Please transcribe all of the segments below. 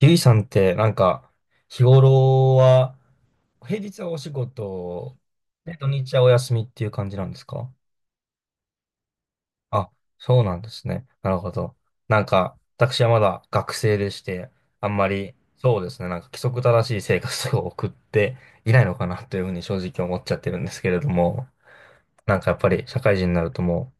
ゆいさんって、なんか、日頃は、平日はお仕事、で、土日はお休みっていう感じなんですか？あ、そうなんですね。なるほど。なんか、私はまだ学生でして、あんまり、そうですね、なんか規則正しい生活を送っていないのかなというふうに正直思っちゃってるんですけれども、なんかやっぱり社会人になるとも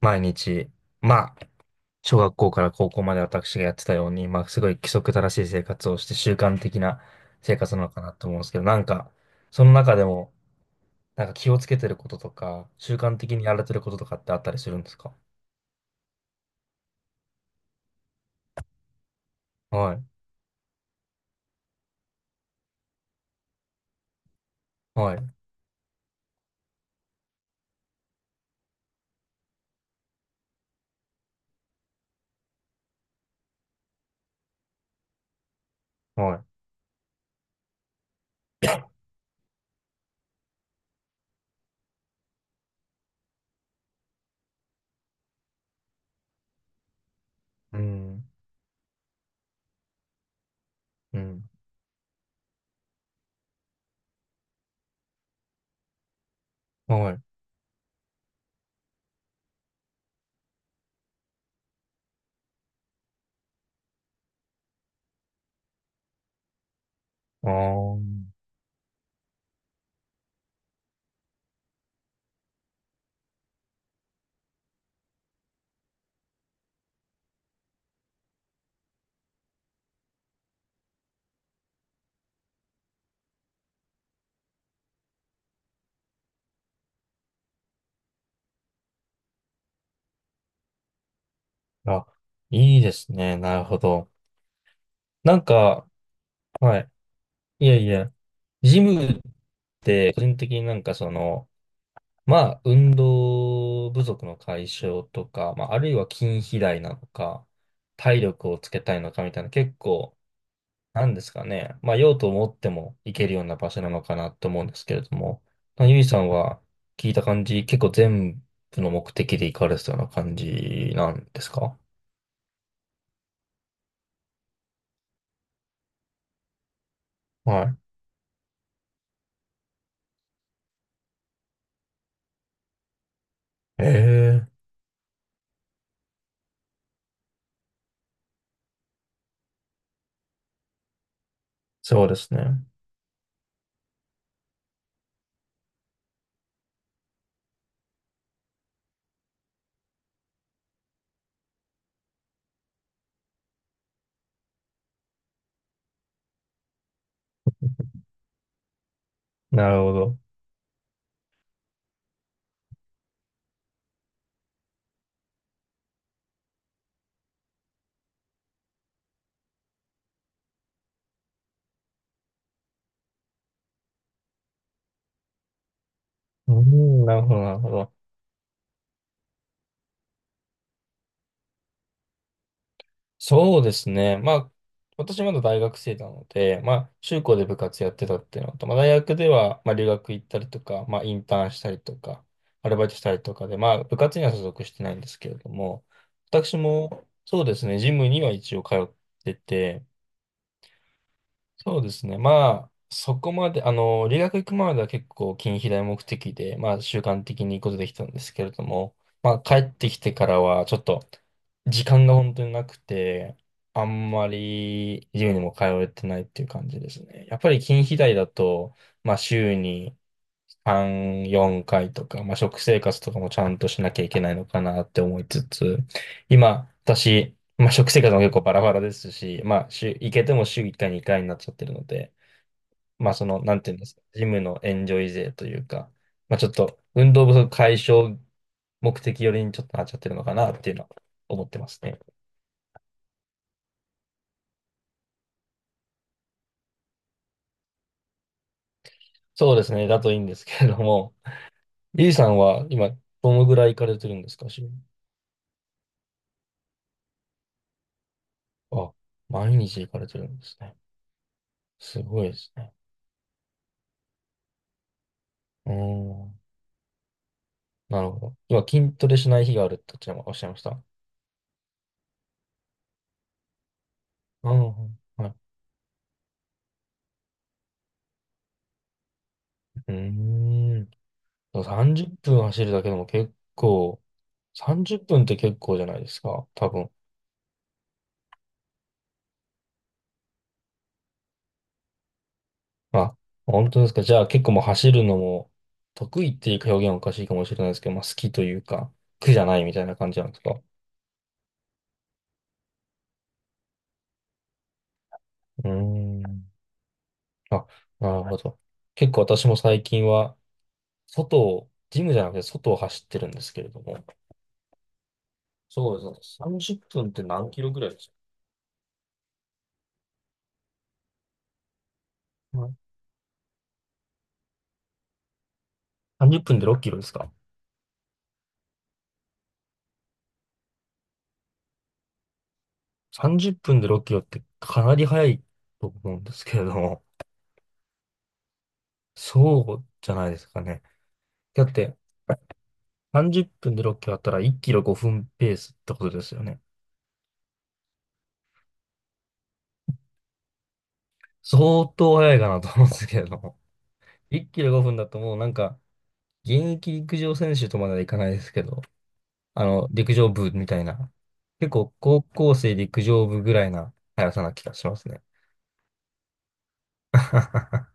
う、毎日、まあ、小学校から高校まで私がやってたように、まあ、すごい規則正しい生活をして習慣的な生活なのかなと思うんですけど、なんか、その中でも、なんか気をつけてることとか、習慣的にやられてることとかってあったりするんですか？はい、はい、はい。うん、うん、はい。あー、あ、いいですね。なるほど。なんか、はい。いやいや、ジムって、個人的になんかその、まあ、運動不足の解消とか、まあ、あるいは筋肥大なのか、体力をつけたいのかみたいな、結構、なんですかね。まあ、用途を持っても行けるような場所なのかなと思うんですけれども、まあ、ゆいさんは聞いた感じ、結構全部の目的で行かれてたような感じなんですか？はい。ええ、そうですね。なるほど。うん、なるほど、なるほど。そうですね。まあ、私まだ大学生なので、まあ、中高で部活やってたっていうのと、まあ、大学では、まあ、留学行ったりとか、まあ、インターンしたりとか、アルバイトしたりとかで、まあ、部活には所属してないんですけれども、私も、そうですね、ジムには一応通ってて、そうですね。まあ、そこまで、あの、留学行く前までは結構近畿大目的で、まあ、習慣的に行くことできたんですけれども、まあ、帰ってきてからは、ちょっと、時間が本当になくて、あんまり、自由にも通えてないっていう感じですね。やっぱり近畿大だと、まあ、週に、3、4回とか、まあ、食生活とかもちゃんとしなきゃいけないのかなって思いつつ、今、私、まあ、食生活も結構バラバラですし、まあ、週、行けても週1回、2回になっちゃってるので、まあ、その、なんていうんですか、ジムのエンジョイ勢というか、まあ、ちょっと、運動不足解消目的よりにちょっとなっちゃってるのかなっていうのは思ってますね。そうですね、だといいんですけれども、ゆいさんは今、どのぐらい行かれてるんですか、週に？あ、毎日行かれてるんですね。すごいですね。うーん。なるほど。今、筋トレしない日があるっておっしゃいました。うん。はい。うーん。でも30分走るだけでも結構、30分っぷんって結構じゃないですか。多分。まあ、本当ですか。じゃあ結構もう走るのも得意っていう表現はおかしいかもしれないですけど、まあ好きというか、苦じゃないみたいな感じなんですか。うーん。あ、なるほど。結構私も最近は、外を、ジムじゃなくて外を走ってるんですけれども。そうですね。30分っぷんって何キロぐらい？はい。30分で6キロですか？ 30 分で6キロってかなり早いと思うんですけれども、そうじゃないですかね。だって30分で6キロあったら1キロ5分ペースってことですよね。相当早いかなと思うんですけれども。1キロ5分だともうなんか、現役陸上選手とまではいかないですけど、あの、陸上部みたいな、結構高校生陸上部ぐらいな速さな気がしますね。あ、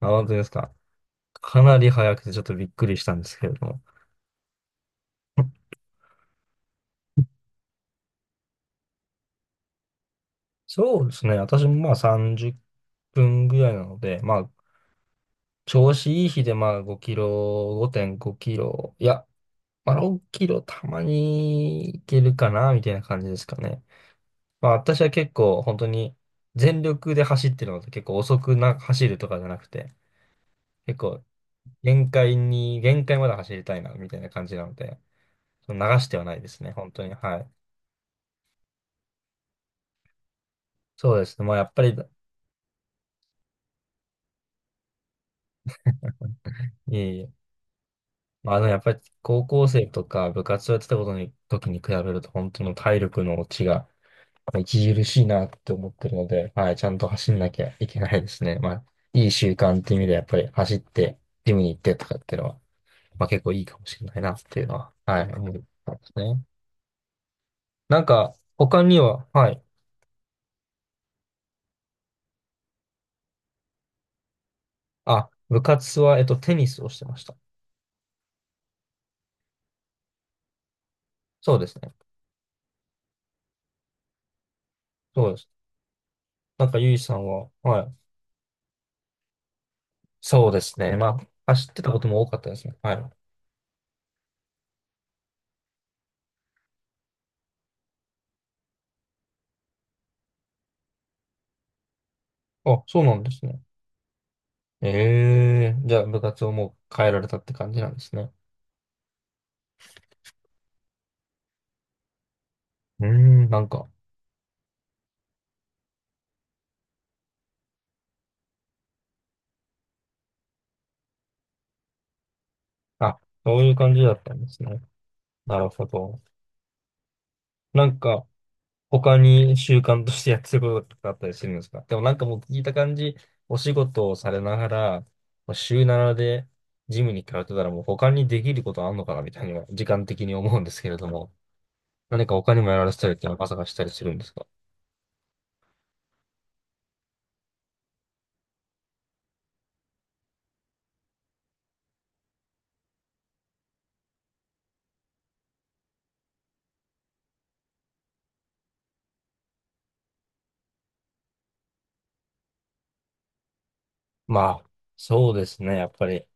本当ですか。かなり速くてちょっとびっくりしたんですけれども。そうですね。私もまあ30分ぐらいなので、まあ、調子いい日でまあ5キロ、5.5キロ、いや、まあ6キロたまにいけるかな、みたいな感じですかね。まあ私は結構本当に全力で走ってるので結構遅くな走るとかじゃなくて、結構限界に、限界まで走りたいな、みたいな感じなので、その流してはないですね、本当に。はい。そうですね。まあやっぱり、いえいえ、まあ、あのやっぱり高校生とか部活をやってたことに、時に比べると本当の体力の落ちがまあ著しいなって思ってるので、はい、ちゃんと走んなきゃいけないですね。まあ、いい習慣っていう意味でやっぱり走って、ジムに行ってとかっていうのは、まあ結構いいかもしれないなっていうのは、はい、思ったんですね。なんか、他には、はい、あ、部活は、えっと、テニスをしてました。そうですね。そうです。なんか、ゆいさんは、はい、そうですね。まあ、走ってたことも多かったですね。はい。あ、そうなんですね。ええ、じゃあ部活をもう変えられたって感じなんですね。うーん、なんか、あ、そういう感じだったんですね。なるほど。なんか、他に習慣としてやってることとかあったりするんですか？でもなんかもう聞いた感じ、お仕事をされながら、まあ週7でジムに通ってたらもう他にできることあんのかなみたいには、時間的に思うんですけれども、何か他にもやられたりっていうのは朝がしたりするんですか？まあ、そうですね。やっぱり。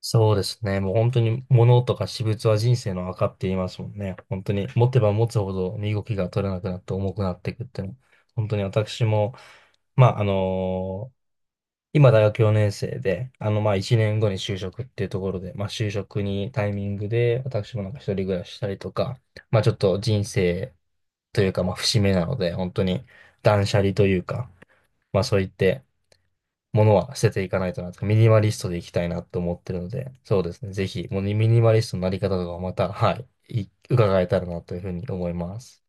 そうですね。もう本当に物とか私物は人生の赤って言いますもんね。本当に持てば持つほど身動きが取れなくなって重くなっていくっていうの。本当に私も、まあ、あの、今大学4年生で、あの、まあ、1年後に就職っていうところで、まあ、就職にタイミングで、私もなんか一人暮らししたりとか、まあ、ちょっと人生というか、まあ、節目なので、本当に断捨離というか、まあ、そういって、ものは捨てていかないとなと、ミニマリストでいきたいなと思ってるので、そうですね。ぜひ、もうミニマリストのなり方とかをまた、はい、伺えたらなというふうに思います。